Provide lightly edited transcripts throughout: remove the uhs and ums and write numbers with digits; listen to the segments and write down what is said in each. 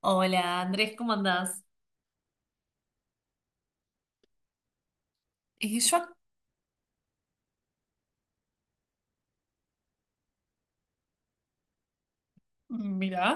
Hola Andrés, ¿cómo andás? Y yo, ac- Mira,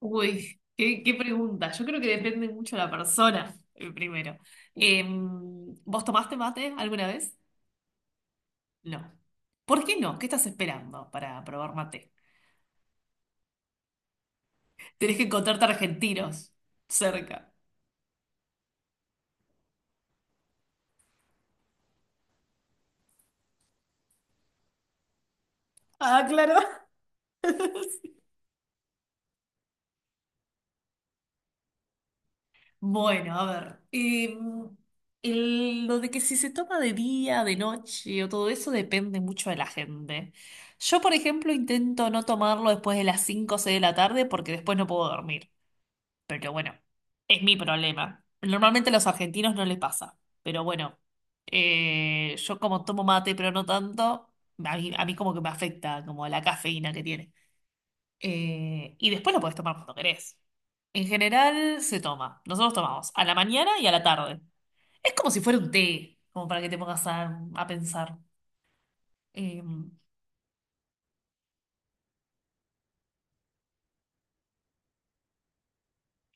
qué pregunta. Yo creo que depende mucho de la persona, primero. ¿Vos tomaste mate alguna vez? No. ¿Por qué no? ¿Qué estás esperando para probar mate? Tenés que encontrarte argentinos cerca. Ah, claro. Bueno, a ver, lo de que si se toma de día, de noche o todo eso depende mucho de la gente. Yo, por ejemplo, intento no tomarlo después de las 5 o 6 de la tarde porque después no puedo dormir. Pero bueno, es mi problema. Normalmente a los argentinos no les pasa. Pero bueno, yo como tomo mate, pero no tanto, a mí como que me afecta, como la cafeína que tiene. Y después lo podés tomar cuando querés. En general se toma. Nosotros tomamos a la mañana y a la tarde. Es como si fuera un té, como para que te pongas a pensar. Eh,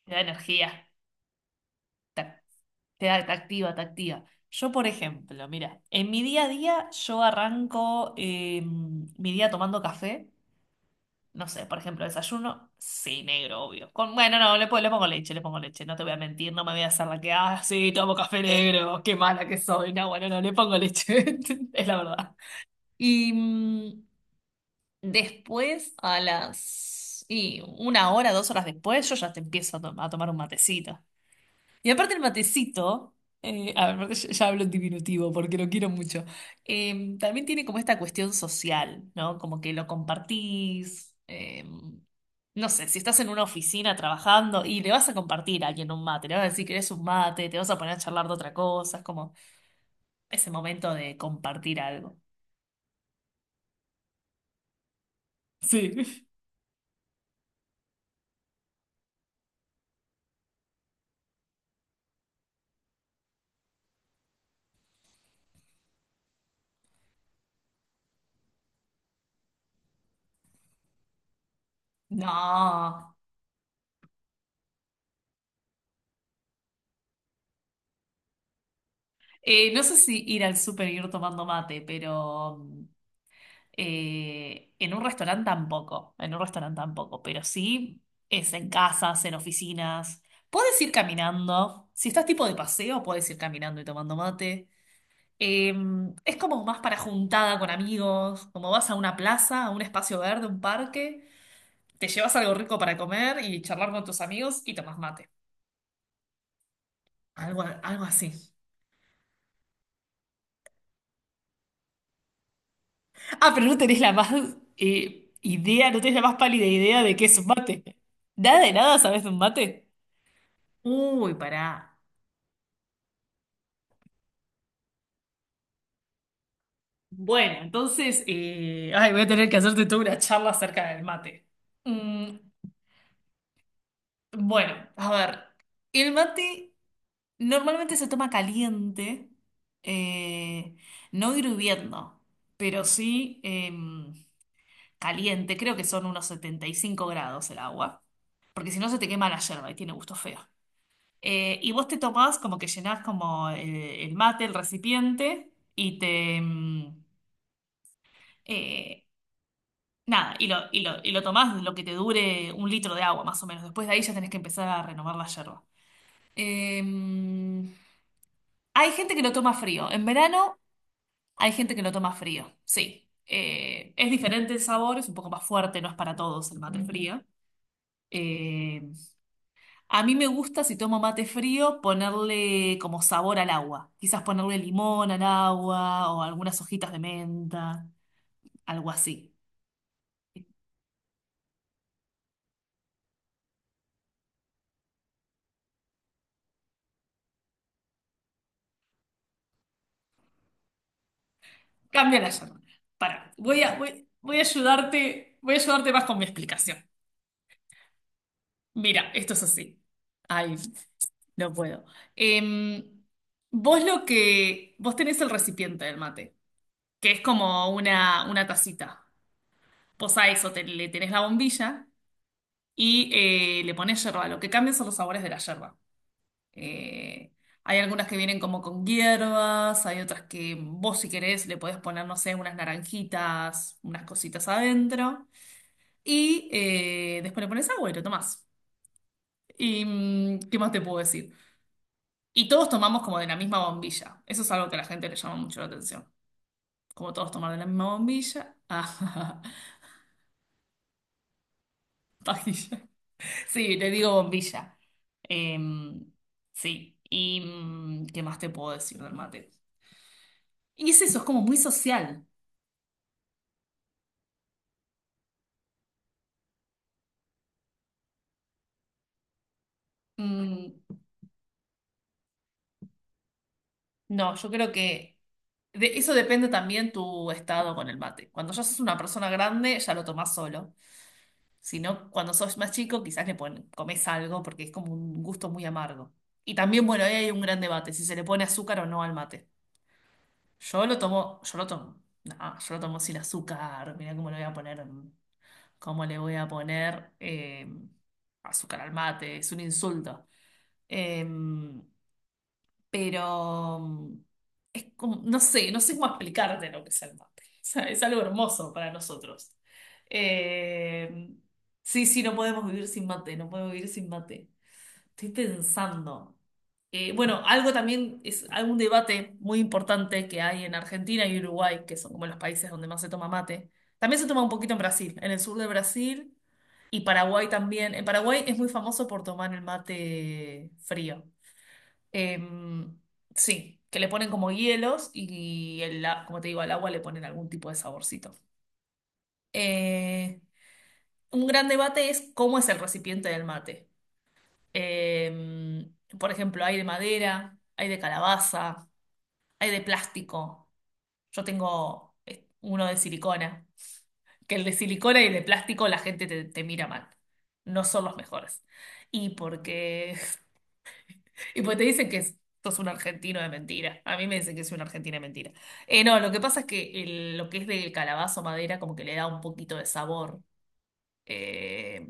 Te da energía, te, te activa, te activa. Yo, por ejemplo, mira, en mi día a día yo arranco mi día tomando café. No sé, por ejemplo, desayuno, sí, negro, obvio. Con, bueno, no, le pongo leche, no te voy a mentir, no me voy a hacer la que, ah, sí, tomo café negro, qué mala que soy. No, bueno, no, le pongo leche, es la verdad. Y mm, después, a las... Y una hora, dos horas después, yo ya te empiezo a tomar un matecito. Y aparte el matecito, a ver, ya hablo en diminutivo porque lo quiero mucho, también tiene como esta cuestión social, ¿no? Como que lo compartís, no sé, si estás en una oficina trabajando y le vas a compartir a alguien un mate, le vas a decir que eres un mate, te vas a poner a charlar de otra cosa, es como ese momento de compartir algo. Sí. No. No sé si ir al súper y ir tomando mate, pero... en un restaurante tampoco, en un restaurante tampoco, pero sí es en casas, en oficinas. Puedes ir caminando, si estás tipo de paseo, puedes ir caminando y tomando mate. Eh, es como más para juntada con amigos, como vas a una plaza, a un espacio verde, un parque, te llevas algo rico para comer y charlar con tus amigos y tomas mate. Algo, algo así. Ah, pero no tenés la más idea, no tenés la más pálida idea de qué es un mate. Nada de nada sabes de un mate. Uy, pará. Bueno, entonces, ay, voy a tener que hacerte toda una charla acerca del mate. Mm, bueno, a ver, el mate normalmente se toma caliente, eh, no hirviendo, pero sí caliente, creo que son unos 75 grados el agua, porque si no se te quema la yerba y tiene gusto feo. Y vos te tomás como que llenás como el mate, el recipiente, y te... eh, nada, y lo tomás lo que te dure un litro de agua, más o menos. Después de ahí ya tenés que empezar a renovar la yerba. Em, hay gente que lo toma frío. En verano hay gente que lo toma frío, sí. Es diferente el sabor, es un poco más fuerte, no es para todos el mate frío. Em, a mí me gusta, si tomo mate frío, ponerle como sabor al agua. Quizás ponerle limón al agua o algunas hojitas de menta, algo así. Cambia la llamada. Para, voy a ayudarte más con mi explicación. Mira, esto es así. Ay, no puedo. Em, vos tenés el recipiente del mate, que es como una tacita. Vos a eso le tenés la bombilla y le pones yerba. Lo que cambia son los sabores de la yerba. Eh, hay algunas que vienen como con hierbas, hay otras que vos si querés le podés poner, no sé, unas naranjitas, unas cositas adentro. Y después le pones agua y lo tomás. ¿Y qué más te puedo decir? Y todos tomamos como de la misma bombilla. Eso es algo que a la gente le llama mucho la atención. Como todos toman de la misma bombilla. Ah, pajilla. Sí, le digo bombilla. Em, sí. ¿Y qué más te puedo decir del mate? Y es eso, es como muy social. Mm, no, yo creo que de eso depende también tu estado con el mate. Cuando ya sos una persona grande, ya lo tomás solo. Si no, cuando sos más chico, quizás comes algo porque es como un gusto muy amargo. Y también, bueno, ahí hay un gran debate, si se le pone azúcar o no al mate. Yo lo tomo sin azúcar, mirá cómo le voy a poner, cómo le voy a poner azúcar al mate, es un insulto. Eh, pero es como, no sé, no sé cómo explicarte lo que es el mate. O sea, es algo hermoso para nosotros. Eh, sí, sí, no podemos vivir sin mate, no podemos vivir sin mate. Estoy pensando. Bueno, algo también es algún debate muy importante que hay en Argentina y Uruguay, que son como los países donde más se toma mate. También se toma un poquito en Brasil, en el sur de Brasil y Paraguay también. En Paraguay es muy famoso por tomar el mate frío. Em, sí, que le ponen como hielos y, como te digo, al agua le ponen algún tipo de saborcito. Eh, un gran debate es cómo es el recipiente del mate. Em, por ejemplo, hay de madera, hay de calabaza, hay de plástico. Yo tengo uno de silicona, que el de silicona y el de plástico la gente te mira mal. No son los mejores. Y porque y pues te dicen sos un argentino de mentira. A mí me dicen que soy un argentino de mentira. No, lo que pasa es que lo que es del calabazo madera como que le da un poquito de sabor eh,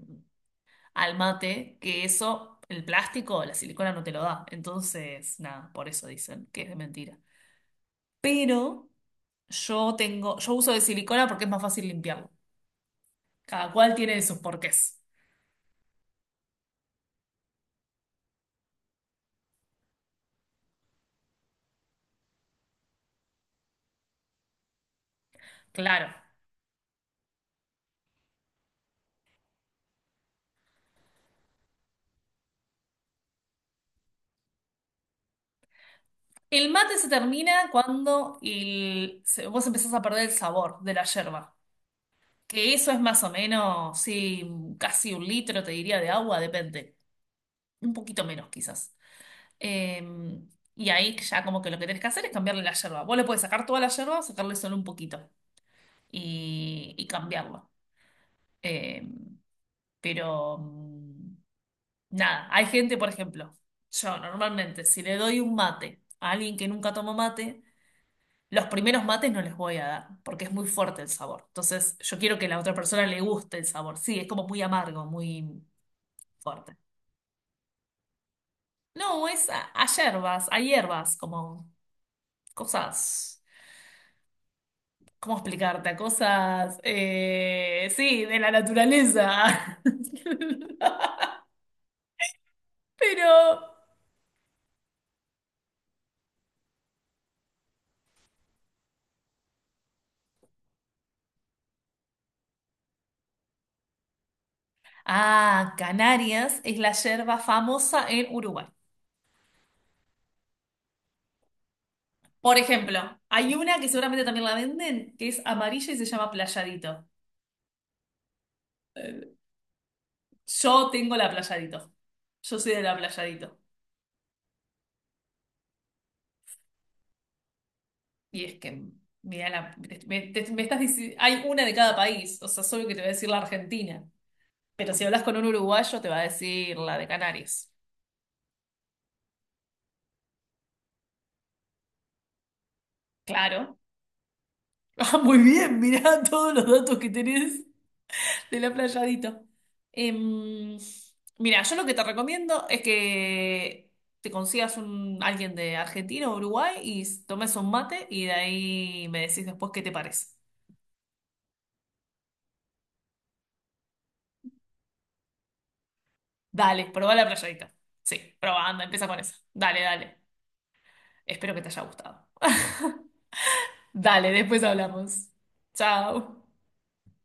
al mate, que eso, el plástico, la silicona no te lo da. Entonces, nada, por eso dicen que es de mentira. Pero yo tengo, yo uso de silicona porque es más fácil limpiarlo. Cada cual tiene sus porqués. Claro. El mate se termina cuando vos empezás a perder el sabor de la yerba. Que eso es más o menos, sí, casi un litro, te diría, de agua, depende. Un poquito menos, quizás. Eh, y ahí ya como que lo que tenés que hacer es cambiarle la yerba. Vos le podés sacar toda la yerba o sacarle solo un poquito y cambiarlo. Eh, pero nada, hay gente, por ejemplo, yo normalmente, si le doy un mate a alguien que nunca tomó mate, los primeros mates no les voy a dar, porque es muy fuerte el sabor. Entonces, yo quiero que a la otra persona le guste el sabor. Sí, es como muy amargo, muy fuerte. No, es a hierbas, como cosas. ¿Cómo explicarte? A cosas, sí, de la naturaleza. Pero, ah, Canarias es la yerba famosa en Uruguay. Por ejemplo, hay una que seguramente también la venden, que es amarilla y se llama Playadito. Eh, Yo tengo la Playadito. Yo soy de la Playadito. Y es que, mira, me estás hay una de cada país, o sea, solo que te va a decir la Argentina. Pero si hablas con un uruguayo, te va a decir la de Canarias. Claro. Ah, muy bien, mirá todos los datos que tenés de la Playadita. Em, mira, yo lo que te recomiendo es que te consigas un, alguien de Argentina o Uruguay y tomes un mate y de ahí me decís después qué te parece. Dale, probá la Playadita. Sí, probá, anda, empieza con eso. Dale, dale. Espero que te haya gustado. Dale, después hablamos. Chao.